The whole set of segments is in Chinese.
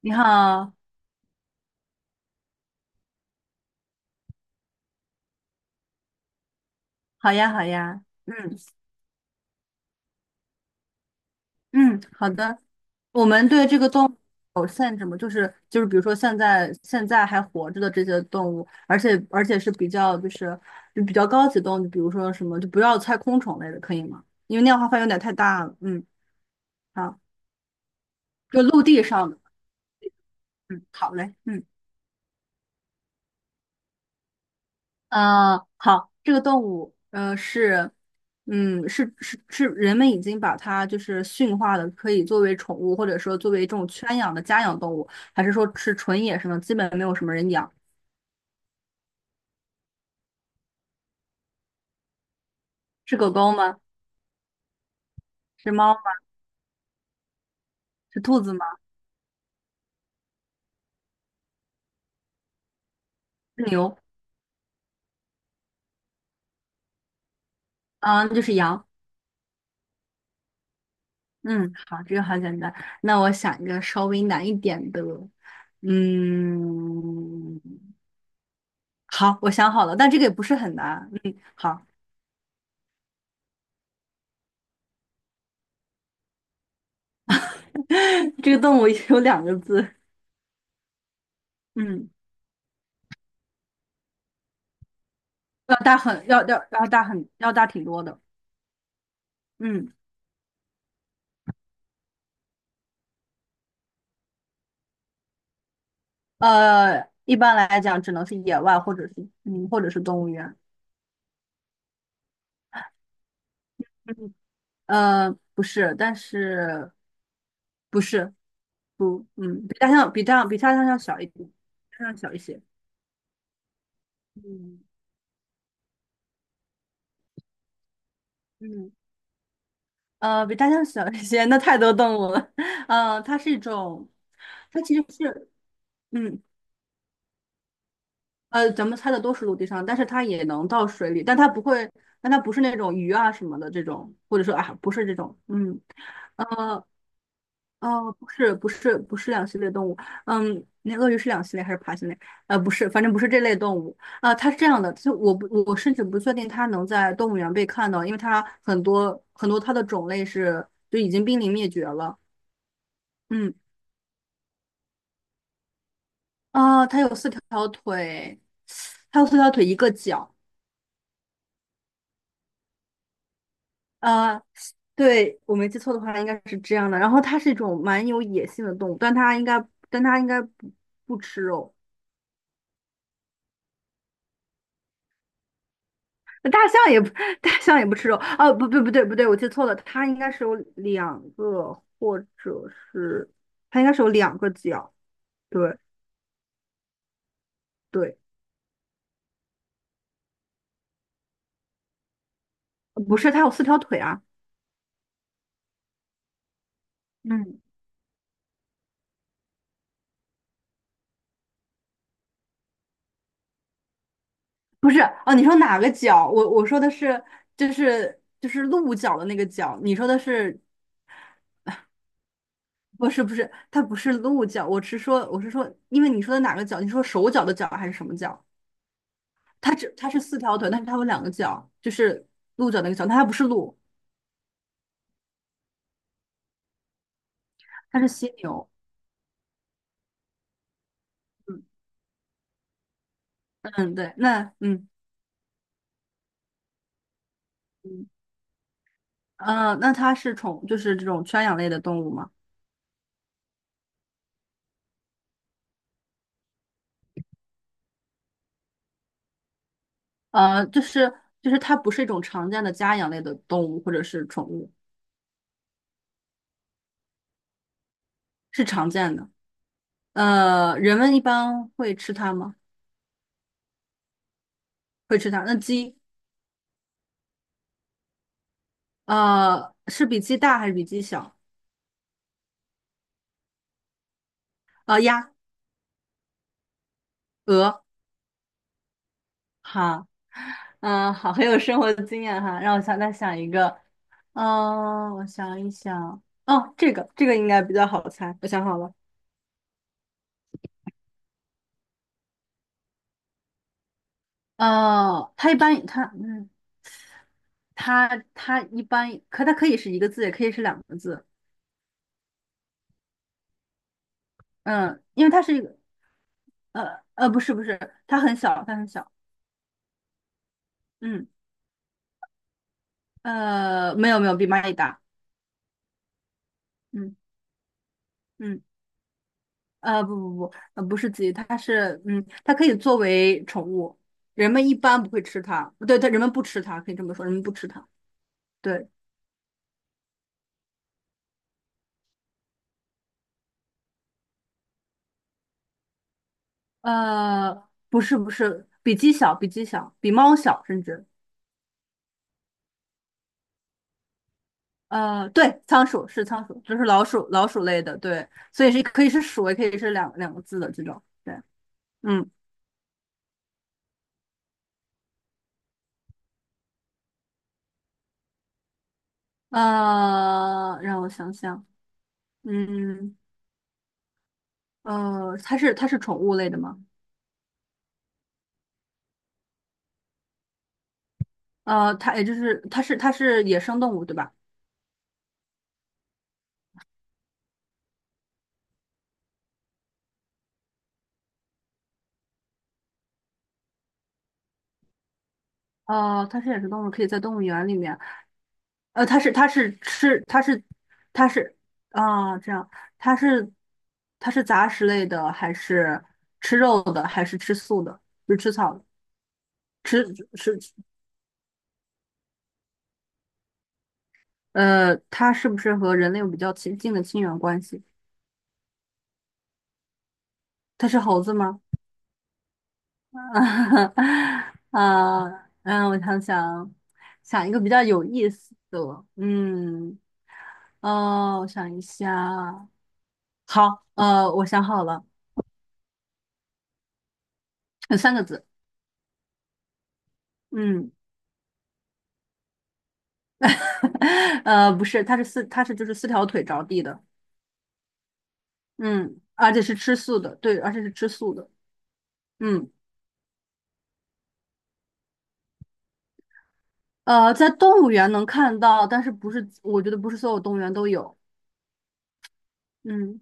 你好。好呀，好呀，嗯，好的。我们对这个动物有限制吗？比如说现在还活着的这些动物，而且是比较就是就比较高级动物，比如说什么就不要太空虫类的，可以吗？因为那样的话范围有点太大了。嗯，好，就陆地上的。嗯，好嘞，嗯。好，这个动物，是，人们已经把它驯化的，可以作为宠物，或者说作为这种圈养的家养动物，还是说是纯野生的，基本没有什么人养？是狗狗吗？是猫吗？是兔子吗？是牛？啊，就是羊。嗯，好，这个好简单。那我想一个稍微难一点的，嗯，好，我想好了，但这个也不是很难。嗯，好。这个动物有两个字。嗯。要大很要要要大很要大挺多的，嗯。一般来讲只能是野外或者是动物园。嗯，不是，但是不是不，嗯，比大象要小一点，大象小一些，嗯嗯，比大象小一些，那太多动物了。它是一种，它其实是，嗯，咱们猜的都是陆地上，但是它也能到水里，但它不是那种鱼啊什么的这种，或者说啊，不是这种，嗯。呃，哦，不是两栖类动物。嗯，那鳄鱼是两栖类还是爬行类？不是，反正不是这类动物。它是这样的，就我不，我甚至不确定它能在动物园被看到，因为它很多很多它的种类已经濒临灭绝了。嗯。啊，它有四条腿，一个脚。呃，对，我没记错的话，应该是这样的。然后它是一种蛮有野性的动物，但它应该，但它应该不不吃肉。大象也不。大象也不吃肉。哦，不对不对，我记错了，或者是它应该是有两个脚。对对。不是，它有四条腿啊。嗯，不是。哦，你说哪个脚？我说的是鹿角的那个角，你说的是不是不是？它不是鹿角，我是说，因为你说的哪个角？你说手脚的脚还是什么脚？它是四条腿，但是它有两个脚，就是鹿角那个角，但它不是鹿，它是犀牛。嗯嗯，对，那嗯嗯那它是宠，就是这种圈养类的动物吗？呃，就是它不是一种常见的家养类的动物或者是宠物，是常见的。人们一般会吃它吗？会吃它。那鸡，是比鸡大还是比鸡小？呃，鸭、鹅，好。嗯，好，很有生活的经验哈。让我想想一个。我想一想，哦，这个应该比较好猜，我想好了。呃，它一般它嗯。它可以是一个字，也可以是两个字。嗯，因为它是一个不是不是，它很小，它很小。嗯没有没有，比蚂蚁大。嗯嗯不是鸡，它是嗯它可以作为宠物，人们一般不会吃它。对对，人们不吃它，可以这么说，人们不吃它。对。呃不是不是，比鸡小，比鸡小，比猫小甚至。对，仓鼠是仓鼠，就是老鼠，老鼠类的，对，所以是可以是鼠，也可以是两个字的这种，对，嗯。让我想想。嗯。它是宠物类的吗？呃，它也就是它是它是野生动物，对吧？它是野生动物，可以在动物园里面。呃，它是它是吃它是它是啊，这样，它是它是杂食类的，还是吃肉的，还是吃素的，就是吃草的吃吃它是不是和人类有比较亲近的亲缘关系？它是猴子吗？啊，嗯，我想想，想一个比较有意思的，嗯，哦，我想一下，好。我想好了，有三个字，嗯。不是，它是就是四条腿着地的，嗯，而且是吃素的，对，而且是吃素的，嗯。在动物园能看到，但是不是，我觉得不是所有动物园都有。嗯。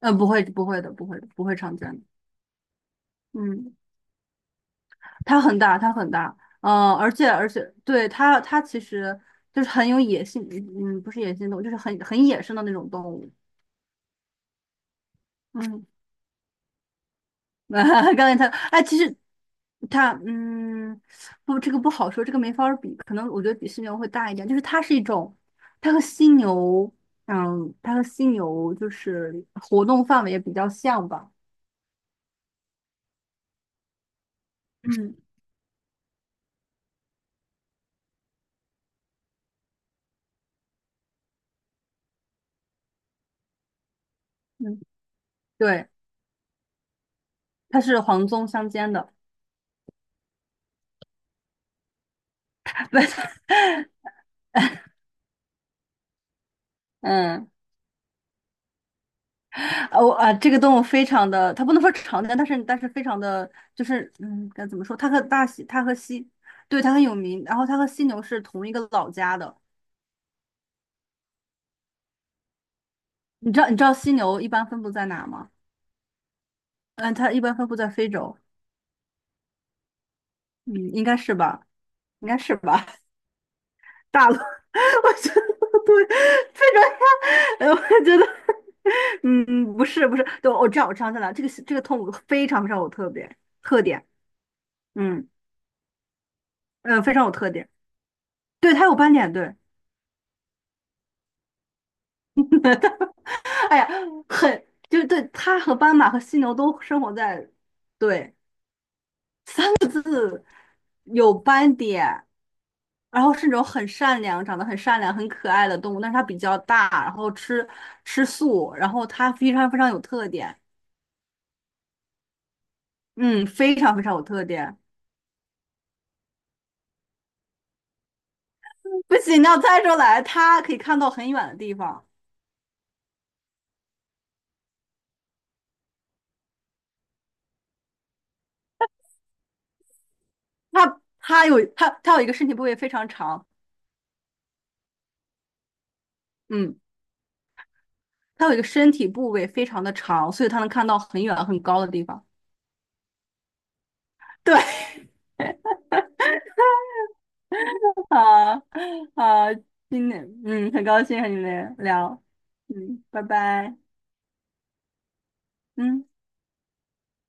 嗯，不会，不会的，不会的，不会常见的。嗯，它很大，它很大。嗯，而且，对它其实就是很有野性，不是野性动物，就是很野生的那种动物。嗯。刚才它，哎，其实它，嗯，不，这个不好说，这个没法儿比，可能我觉得比犀牛会大一点。就是它是一种，它和犀牛，嗯，它和犀牛就是活动范围也比较像吧。嗯嗯，对，它是黄棕相间的。不是。嗯，这个动物非常的，它不能说常见，但是非常的，就是嗯，该怎么说？它和大西，它和西，对，它很有名。然后它和犀牛是同一个老家的。你知道犀牛一般分布在哪吗？嗯，它一般分布在非洲。嗯，应该是吧？应该是吧？大陆。我觉得不对，非洲呀。我觉得，不是不是，对，我知道在哪。这个动物非常非常有特别特点。嗯非常有特点。对，它有斑点，对。哎呀，很，就对，它和斑马和犀牛都生活在，对，有斑点，然后是那种很善良、长得很善良、很可爱的动物，但是它比较大，然后吃素，然后它非常非常有特点，嗯，非常非常有特点。不行，你要猜出来，它可以看到很远的地方。它有一个身体部位非常长，嗯，它有一个身体部位非常的长，所以它能看到很远很高的地方。对。好好，今天嗯，很高兴和你们聊，嗯，拜拜，嗯。